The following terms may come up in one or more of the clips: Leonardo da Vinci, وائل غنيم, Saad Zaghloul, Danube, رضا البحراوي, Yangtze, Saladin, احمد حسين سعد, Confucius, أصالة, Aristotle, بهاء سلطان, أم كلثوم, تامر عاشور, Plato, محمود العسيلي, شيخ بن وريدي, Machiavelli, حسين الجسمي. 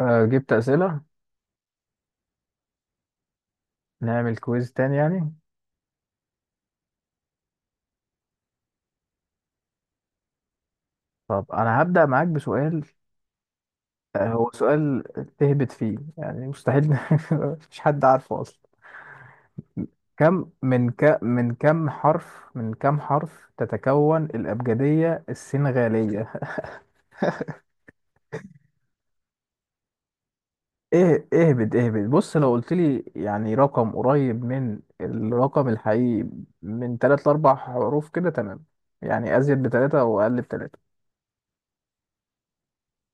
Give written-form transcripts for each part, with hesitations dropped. جبت أسئلة. نعمل كويز تاني يعني. طب، أنا هبدأ معاك بسؤال. هو سؤال تهبط فيه يعني، مستحيل مفيش حد عارفه أصلا. من كم حرف تتكون الأبجدية السنغالية؟ إيه، اهبد اهبد. بص، لو قلت لي يعني رقم قريب من الرقم الحقيقي، من تلات لأربع حروف كده تمام. يعني أزيد بتلاتة أو أقل بتلاتة.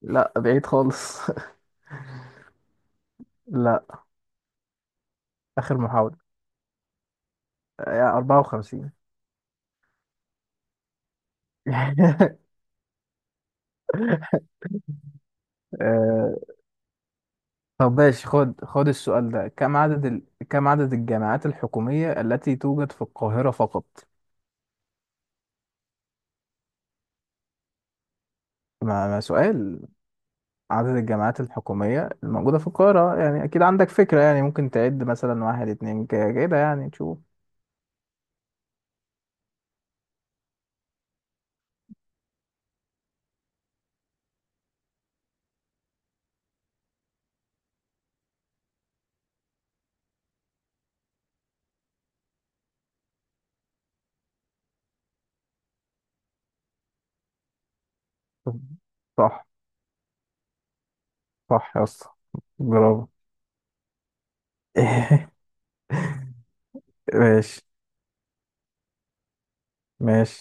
لا، بعيد خالص لا. آخر محاولة. يا 54؟ آه، طب ماشي. خد خد السؤال ده. كم عدد الجامعات الحكومية التي توجد في القاهرة فقط؟ ما سؤال. عدد الجامعات الحكومية الموجودة في القاهرة، يعني أكيد عندك فكرة، يعني ممكن تعد مثلا واحد، اتنين، كده، يعني تشوف. صح. صح يا اسطى. برافو ماشي، ماشي.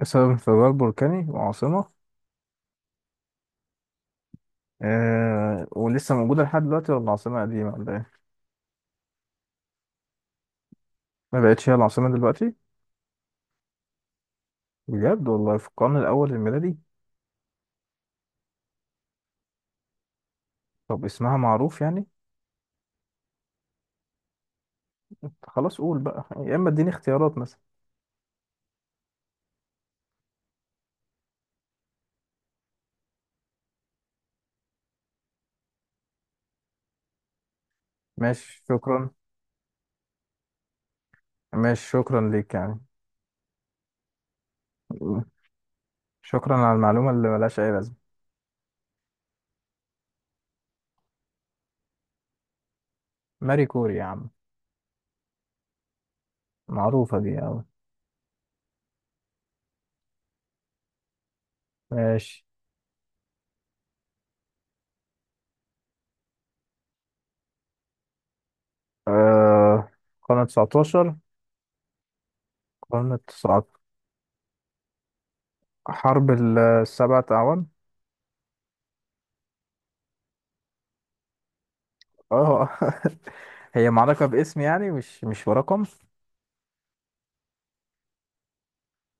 بسبب انفجار بركاني، وعاصمة؟ آه، ولسه موجودة لحد دلوقتي، ولا عاصمة قديمة، ولا إيه؟ ما بقتش هي العاصمة دلوقتي؟ بجد والله، في القرن الأول الميلادي؟ طب، اسمها معروف يعني. خلاص، قول بقى، يا إما اديني اختيارات مثلا. ماشي، شكرا. ماشي، شكرا ليك يعني. شكرا على المعلومة اللي ملهاش أي لازمة. ماري كوري يا عم. معروفة دي أوي. ماشي. آه قرن 19. قرن 19. حرب السبعة أعوام. اه هي معركة باسم يعني، مش برقم.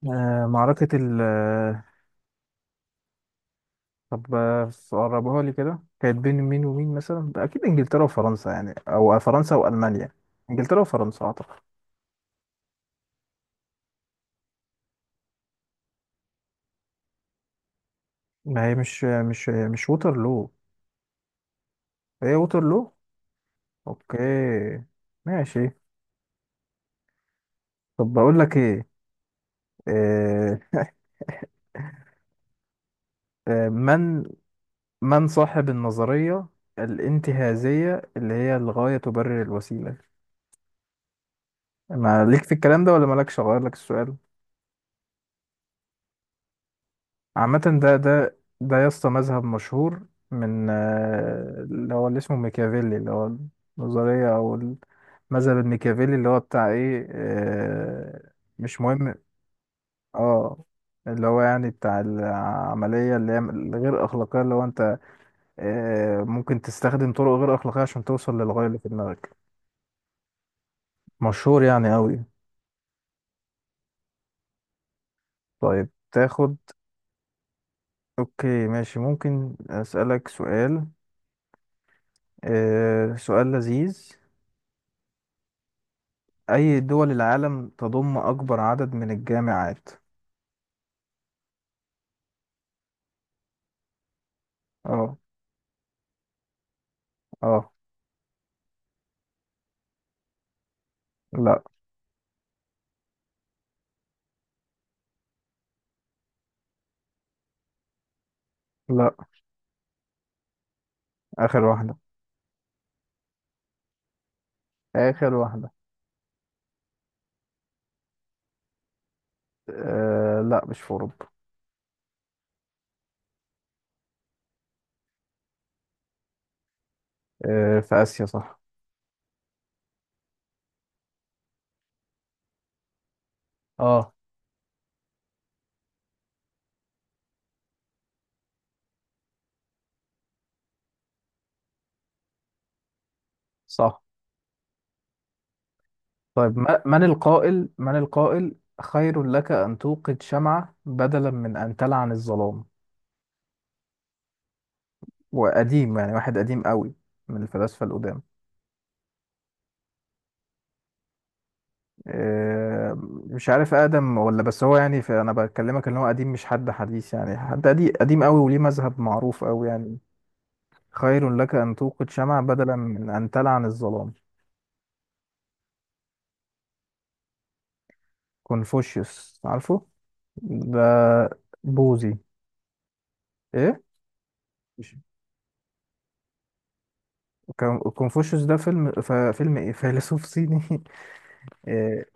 معركة ال. طب، قربها لي كده. كانت بين مين ومين مثلا؟ ده اكيد انجلترا وفرنسا يعني، او فرنسا والمانيا. انجلترا وفرنسا اعتقد. ما هي مش، مش ووترلو؟ هي ووترلو. اوكي، ماشي. طب، بقول لك ايه. آه، من صاحب النظرية الانتهازية اللي هي الغاية تبرر الوسيلة؟ ما ليك في الكلام ده، ولا مالكش، اغير لك السؤال؟ عامة، ده يا اسطى مذهب مشهور، من اللي هو، اللي اسمه ميكافيلي، اللي هو النظرية أو المذهب الميكافيلي، اللي هو بتاع إيه، مش مهم. اه. اللي هو يعني بتاع العملية اللي هي الغير أخلاقية، اللي هو أنت ممكن تستخدم طرق غير أخلاقية عشان توصل للغاية اللي في دماغك. مشهور يعني أوي. طيب، تاخد. أوكي، ماشي. ممكن أسألك سؤال؟ سؤال لذيذ. أي دول العالم تضم أكبر عدد من الجامعات؟ اه. اه. لا. لا. آخر واحدة. آخر واحدة. آه، لا، مش في أوروبا. آه، في آسيا، صح. اه، صح. طيب، من القائل: خير لك أن توقد شمعة بدلا من أن تلعن الظلام؟ وقديم يعني، واحد قديم قوي، من الفلاسفة القدام. آه مش عارف آدم ولا، بس هو يعني في، أنا بكلمك إن هو قديم، مش حد حديث يعني، حد قديم قديم قوي، وليه مذهب معروف قوي يعني. خير لك أن توقد شمع بدلا من أن تلعن الظلام. كونفوشيوس، عارفه؟ ده بوذي. إيه؟ مش، كونفوشيوس ده فيلم، فيلم، إيه، فيلسوف صيني إيه،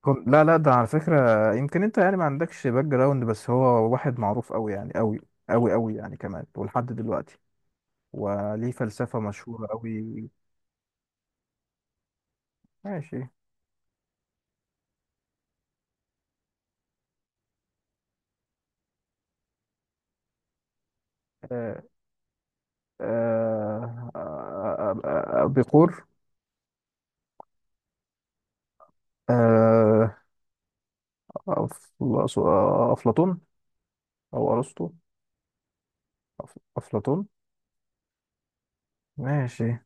لا، لا. ده على فكرة، يمكن أنت يعني ما عندكش باك جراوند، بس هو واحد معروف أوي يعني، أوي، أوي أوي، يعني كمان ولحد دلوقتي، وليه فلسفة مشهورة أوي. ماشي. آه بيقول آه أف- أفلاطون أو أرسطو. أفلاطون. ماشي.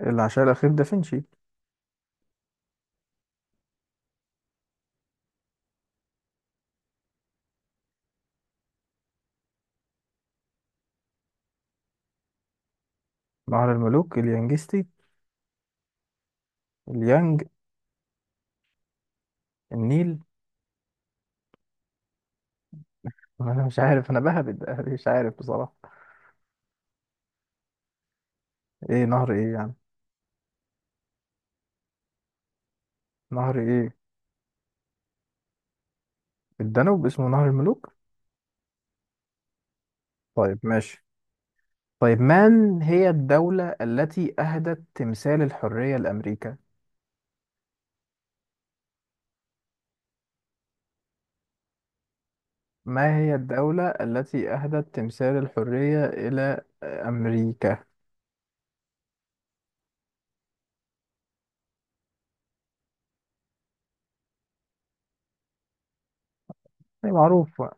العشاء الأخير، دافنشي. بحر الملوك، اليانجستي. اليانج. النيل أنا مش عارف، أنا بهبد مش عارف بصراحة. إيه نهر، إيه يعني، نهر إيه؟ الدانوب اسمه نهر الملوك؟ طيب، ماشي. طيب، من هي الدولة التي أهدت تمثال الحرية لأمريكا؟ ما هي الدولة التي أهدت تمثال الحرية إلى أمريكا؟ دي معروفة.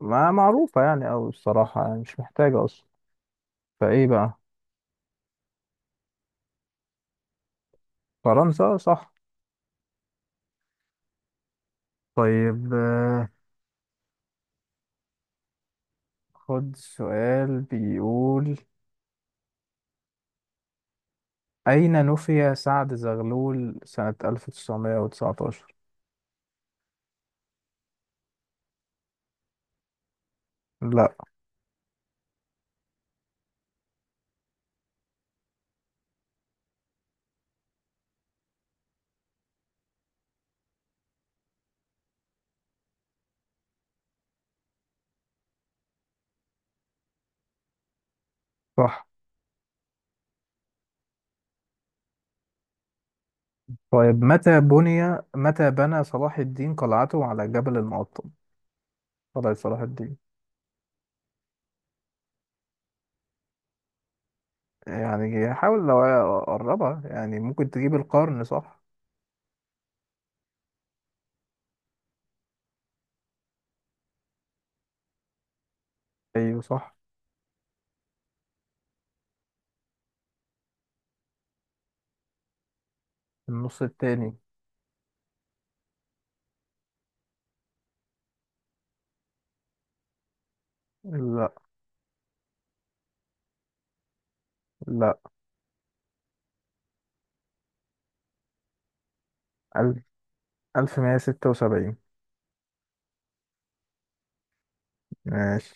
ما معروفة يعني، أو الصراحة يعني مش محتاجة أصلا. فإيه بقى؟ فرنسا، صح. طيب، خد سؤال بيقول: أين نفي سعد زغلول سنة 1919؟ لا. صح. طيب، متى بني، متى بنى صلاح الدين قلعته على جبل المقطم، قلعة صلاح الدين؟ يعني حاول، لو أقربها يعني، ممكن تجيب القرن صح؟ أيوه، صح. النص التاني. لا. لا. ألف، 1176. ماشي.